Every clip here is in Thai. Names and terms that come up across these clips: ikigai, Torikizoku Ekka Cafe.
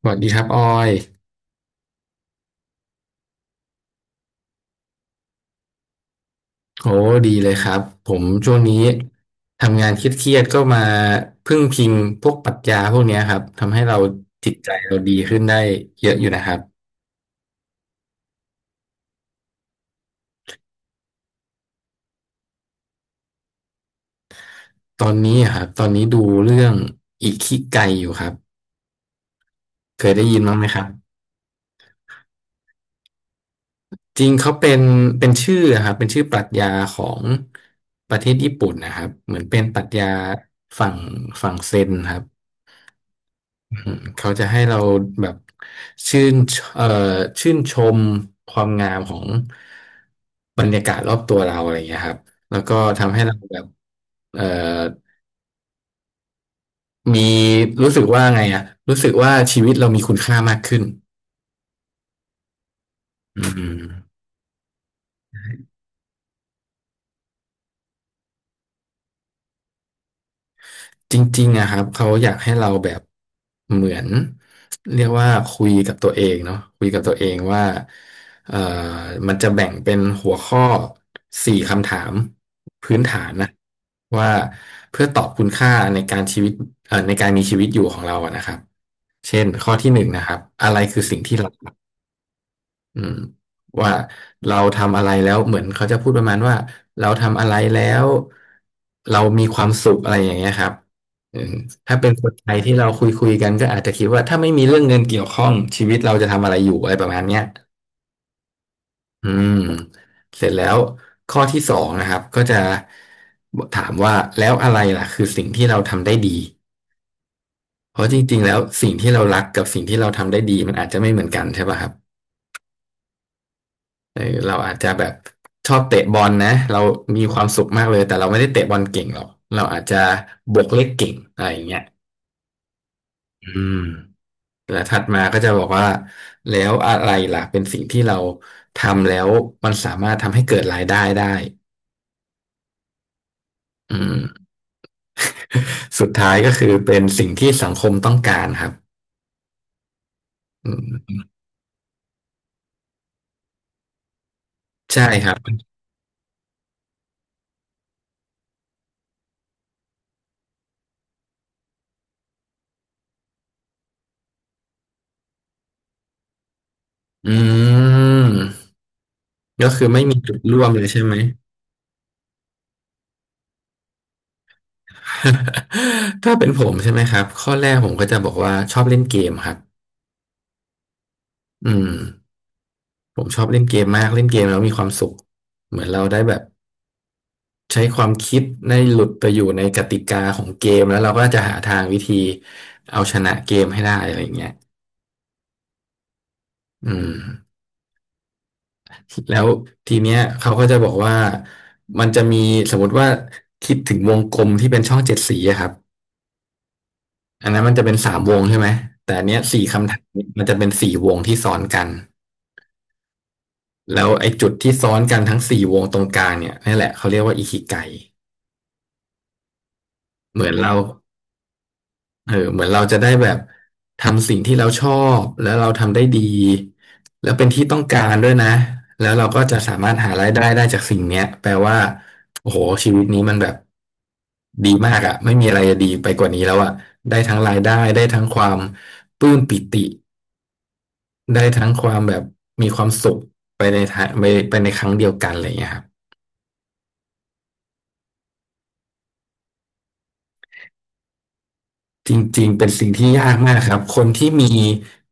สวัสดีครับออยโอ้ดีเลยครับผมช่วงนี้ทำงานเครียดๆก็มาพึ่งพิงพวกปรัชญาพวกเนี้ยครับทำให้เราจิตใจเราดีขึ้นได้เยอะอยู่นะครับตอนนี้อะครับตอนนี้ดูเรื่องอิคิไกอยู่ครับเคยได้ยินบ้างไหมครับจริงเขาเป็นเป็นชื่ออะครับเป็นชื่อปรัชญาของประเทศญี่ปุ่นนะครับเหมือนเป็นปรัชญาฝั่งฝั่งเซนครับ เขาจะให้เราแบบชื่นเอ่อชื่นชมความงามของบรรยากาศรอบตัวเราอะไรอย่างเงี้ยครับแล้วก็ทำให้เราแบบเอ่อมีรู้สึกว่าไงอะรู้สึกว่าชีวิตเรามีคุณค่ามากขึ้นอืม จริงๆอะครับเขาอยากให้เราแบบเหมือนเรียกว่าคุยกับตัวเองเนาะคุยกับตัวเองว่าเอ่อมันจะแบ่งเป็นหัวข้อสี่คำถามพื้นฐานนะว่าเพื่อตอบคุณค่าในการชีวิตในการมีชีวิตอยู่ของเราอะนะครับเช่นข้อที่หนึ่งนะครับอะไรคือสิ่งที่เรา อืมว่าเราทำอะไรแล้วเหมือนเขาจะพูดประมาณว่าเราทำอะไรแล้วเรามีความสุขอะไรอย่างเงี้ยครับอืมถ้าเป็นคนไทยที่เราคุยกันก็อาจจะคิดว่าถ้าไม่มีเรื่องเงินเกี่ยวข้องชีวิตเราจะทำอะไรอยู่อะไรประมาณเนี้ยอืมเสร็จแล้วข้อที่สองนะครับก็จะถามว่าแล้วอะไรล่ะคือสิ่งที่เราทำได้ดีเพราะจริงๆแล้วสิ่งที่เรารักกับสิ่งที่เราทำได้ดีมันอาจจะไม่เหมือนกันใช่ป่ะครับ เออเราอาจจะแบบชอบเตะบอลนะเรามีความสุขมากเลยแต่เราไม่ได้เตะบอลเก่งหรอกเราอาจจะบวกเลขเก่งอะไรอย่างเงี้ยอืมแต่ถัดมาก็จะบอกว่าแล้วอะไรล่ะเป็นสิ่งที่เราทำแล้วมันสามารถทำให้เกิดรายได้ได้อืม สุดท้ายก็คือเป็นสิ่งที่สังคมต้องการครับอืมใช่ครับอืมก็คือไม่มีจุดร่วมเลยใช่ไหม ถ้าเป็นผมใช่ไหมครับข้อแรกผมก็จะบอกว่าชอบเล่นเกมครับอืมผมชอบเล่นเกมมากเล่นเกมแล้วมีความสุขเหมือนเราได้แบบใช้ความคิดได้หลุดไปอยู่ในกติกาของเกมแล้วเราก็จะหาทางวิธีเอาชนะเกมให้ได้อะไรอย่างเงี้ยอืมแล้วทีเนี้ยเขาก็จะบอกว่ามันจะมีสมมติว่าคิดถึงวงกลมที่เป็นช่องเจ็ดสีอะครับอันนั้นมันจะเป็นสามวงใช่ไหมแต่อันเนี้ยสี่คำถามมันจะเป็นสี่วงที่ซ้อนกัน แล้วไอ้จุดที่ซ้อนกันทั้งสี่วงตรงกลางเนี่ยนี่แหละเขาเรียกว่าอิคิไกเหมือนเราเออเหมือนเราจะได้แบบทำสิ่งที่เราชอบแล้วเราทำได้ดีแล้วเป็นที่ต้องการด้วยนะแล้วเราก็จะสามารถหารายได้ได้จากสิ่งเนี้ยแปลว่าโอ้โหชีวิตนี้มันแบบดีมากอะไม่มีอะไรจะดีไปกว่านี้แล้วอะได้ทั้งรายได้ได้ทั้งความปลื้มปิติได้ทั้งความแบบมีความสุขไปในทางไปไปในครั้งเดียวกันอะไรอย่างเงี้ยครับ จริงๆเป็นสิ่งที่ยากมากครับคนที่มี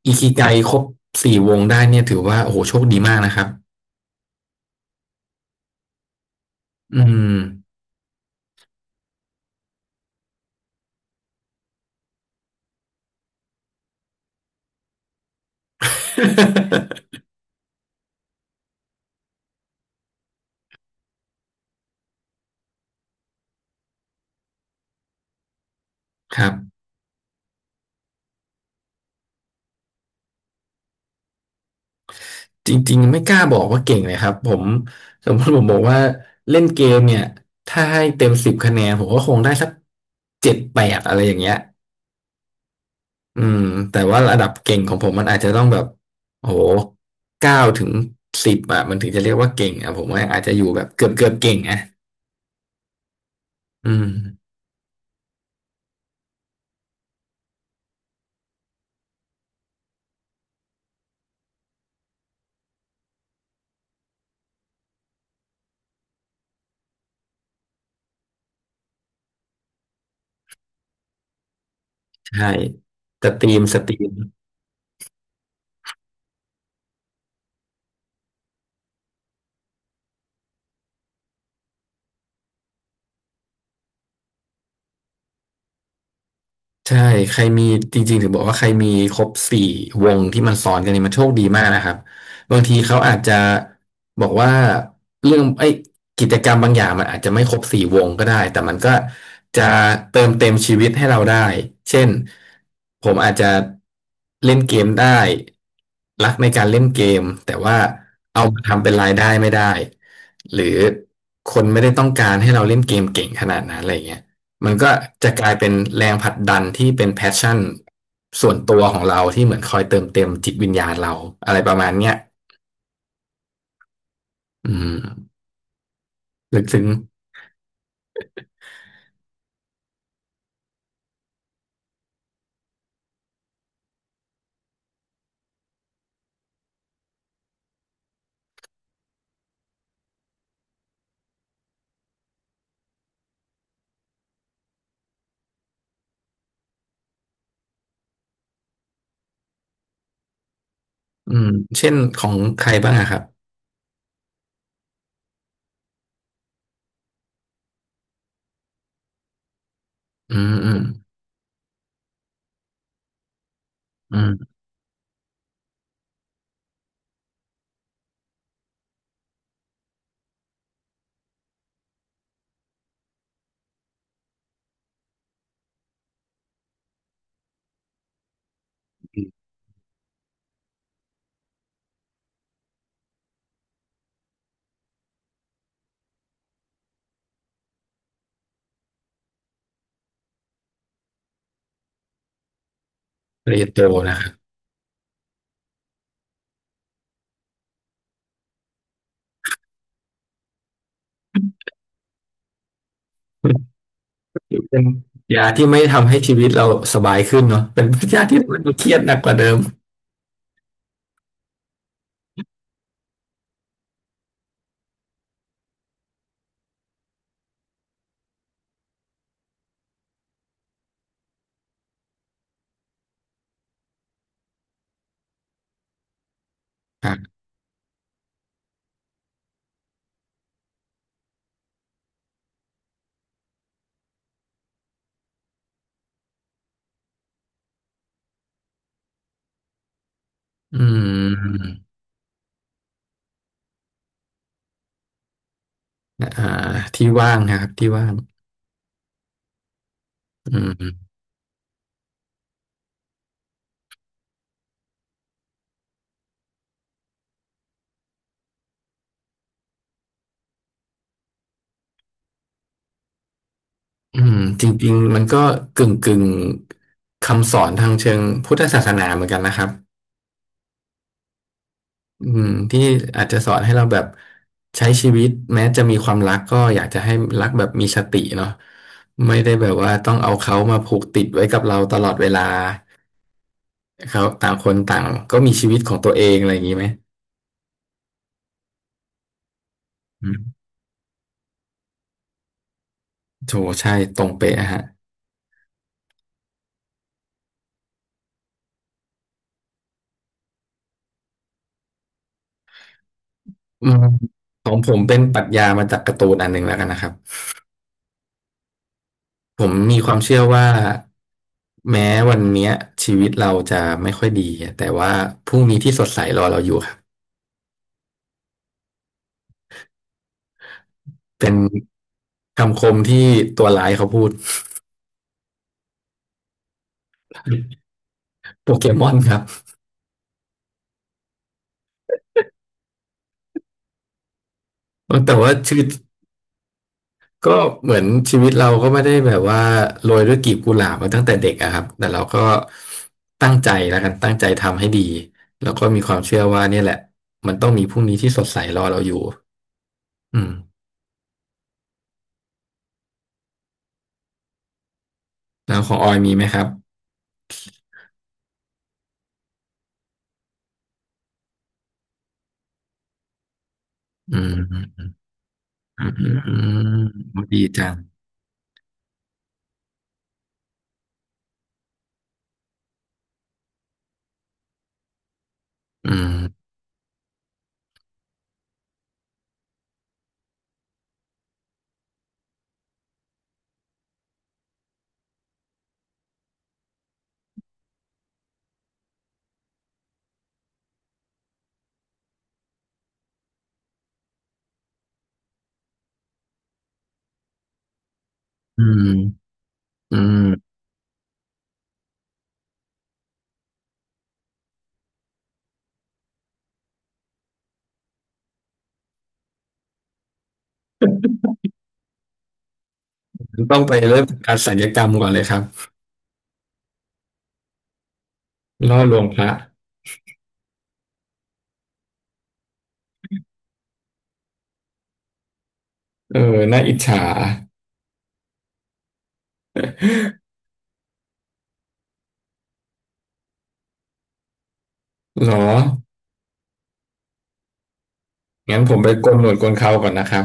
อิคิไกครบสี่วงได้เนี่ยถือว่าโอ้โหโชคดีมากนะครับอืม ครับจริงๆไม่กล้าบอกว่าเก่งเลยครับผมสมมติผมบอกว่าเล่นเกมเนี่ยถ้าให้เต็ม10 คะแนนผมก็คงได้สักเจ็ดแปดอะไรอย่างเงี้ยอืมแต่ว่าระดับเก่งของผมมันอาจจะต้องแบบโอ้โห9 ถึง 10อ่ะมันถึงจะเรียกว่าเก่งอ่ะผมว่าอาจจะอยู่แบบเกือบเก่งอ่ะอืม ใช่สตรีมสตรีมใช่ใครมีจริงๆถึงบอกว่าใครมีครบสี่วงที่มันซ้อนกันเนี่ยมันโชคดีมากนะครับบางทีเขาอาจจะบอกว่าเรื่องไอ้ยกิจกรรมบางอย่างมันอาจจะไม่ครบสี่วงก็ได้แต่มันก็จะเติมเต็มชีวิตให้เราได้เช่นผมอาจจะเล่นเกมได้รักในการเล่นเกมแต่ว่าเอามาทำเป็นรายได้ไม่ได้หรือคนไม่ได้ต้องการให้เราเล่นเกมเก่งขนาดนั้นอะไรเงี้ย มันก็จะกลายเป็นแรงผลักดันที่เป็นแพชชั่นส่วนตัวของเราที่เหมือนคอยเติมเต็มจิตวิญญาณเราอะไรประมาณเนี้ยอืมลึกซึ้งอืมเช่นของใครบ้างอะครับอืมอืมอืมเรโตนะครับ เป็นยาที่ไม่ทำให้ชีวิตเราสบายขึ้นเนาะเป็นยาที่ทำใเเครียดหนักกว่าเดิมครับอืมอ่าที่ว่างนะครับที่ว่างอืม อืมจริงๆมันก็กึ่งคำสอนทางเชิงพุทธศาสนาเหมือนกันนะครับอืมที่อาจจะสอนให้เราแบบใช้ชีวิตแม้จะมีความรักก็อยากจะให้รักแบบมีสติเนาะไม่ได้แบบว่าต้องเอาเขามาผูกติดไว้กับเราตลอดเวลาเขาต่างคนต่างก็มีชีวิตของตัวเองอะไรอย่างนี้ไหมอืมโถใช่ตรงเป๊ะฮะอืมของผมเป็นปรัชญามาจากการ์ตูนอันหนึ่งแล้วกันนะครับ ผมมีความเชื่อว่าแม้วันเนี้ยชีวิตเราจะไม่ค่อยดีอะแต่ว่าพรุ่งนี้ที่สดใสรอเราอยู่ครับเป็นคำคมที่ตัวร้ายเขาพูด โปเกมอนครับแต่ว่าชีวิตก็เหมือนชีวิตเราก็ไม่ได้แบบว่าโรยด้วยกลีบกุหลาบมาตั้งแต่เด็กอะครับแต่เราก็ตั้งใจแล้วกันตั้งใจทำให้ดีแล้วก็มีความเชื่อว่าเนี่ยแหละมันต้องมีพรุ่งนี้ที่สดใสรอเราอยู่อืมแล้วของออยมีไหมครับอืม อืมอืมอืมดีจังอืมอืมอืมต้องไปเริ่มจากการศัลยกรรมก่อนเลยครับล่อลวงพระเออน่าอิจฉา เหรองั้นผมไปโกนหนวดโกนเคราก่อนนะครับ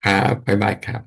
ครับบ๊ายบายครับ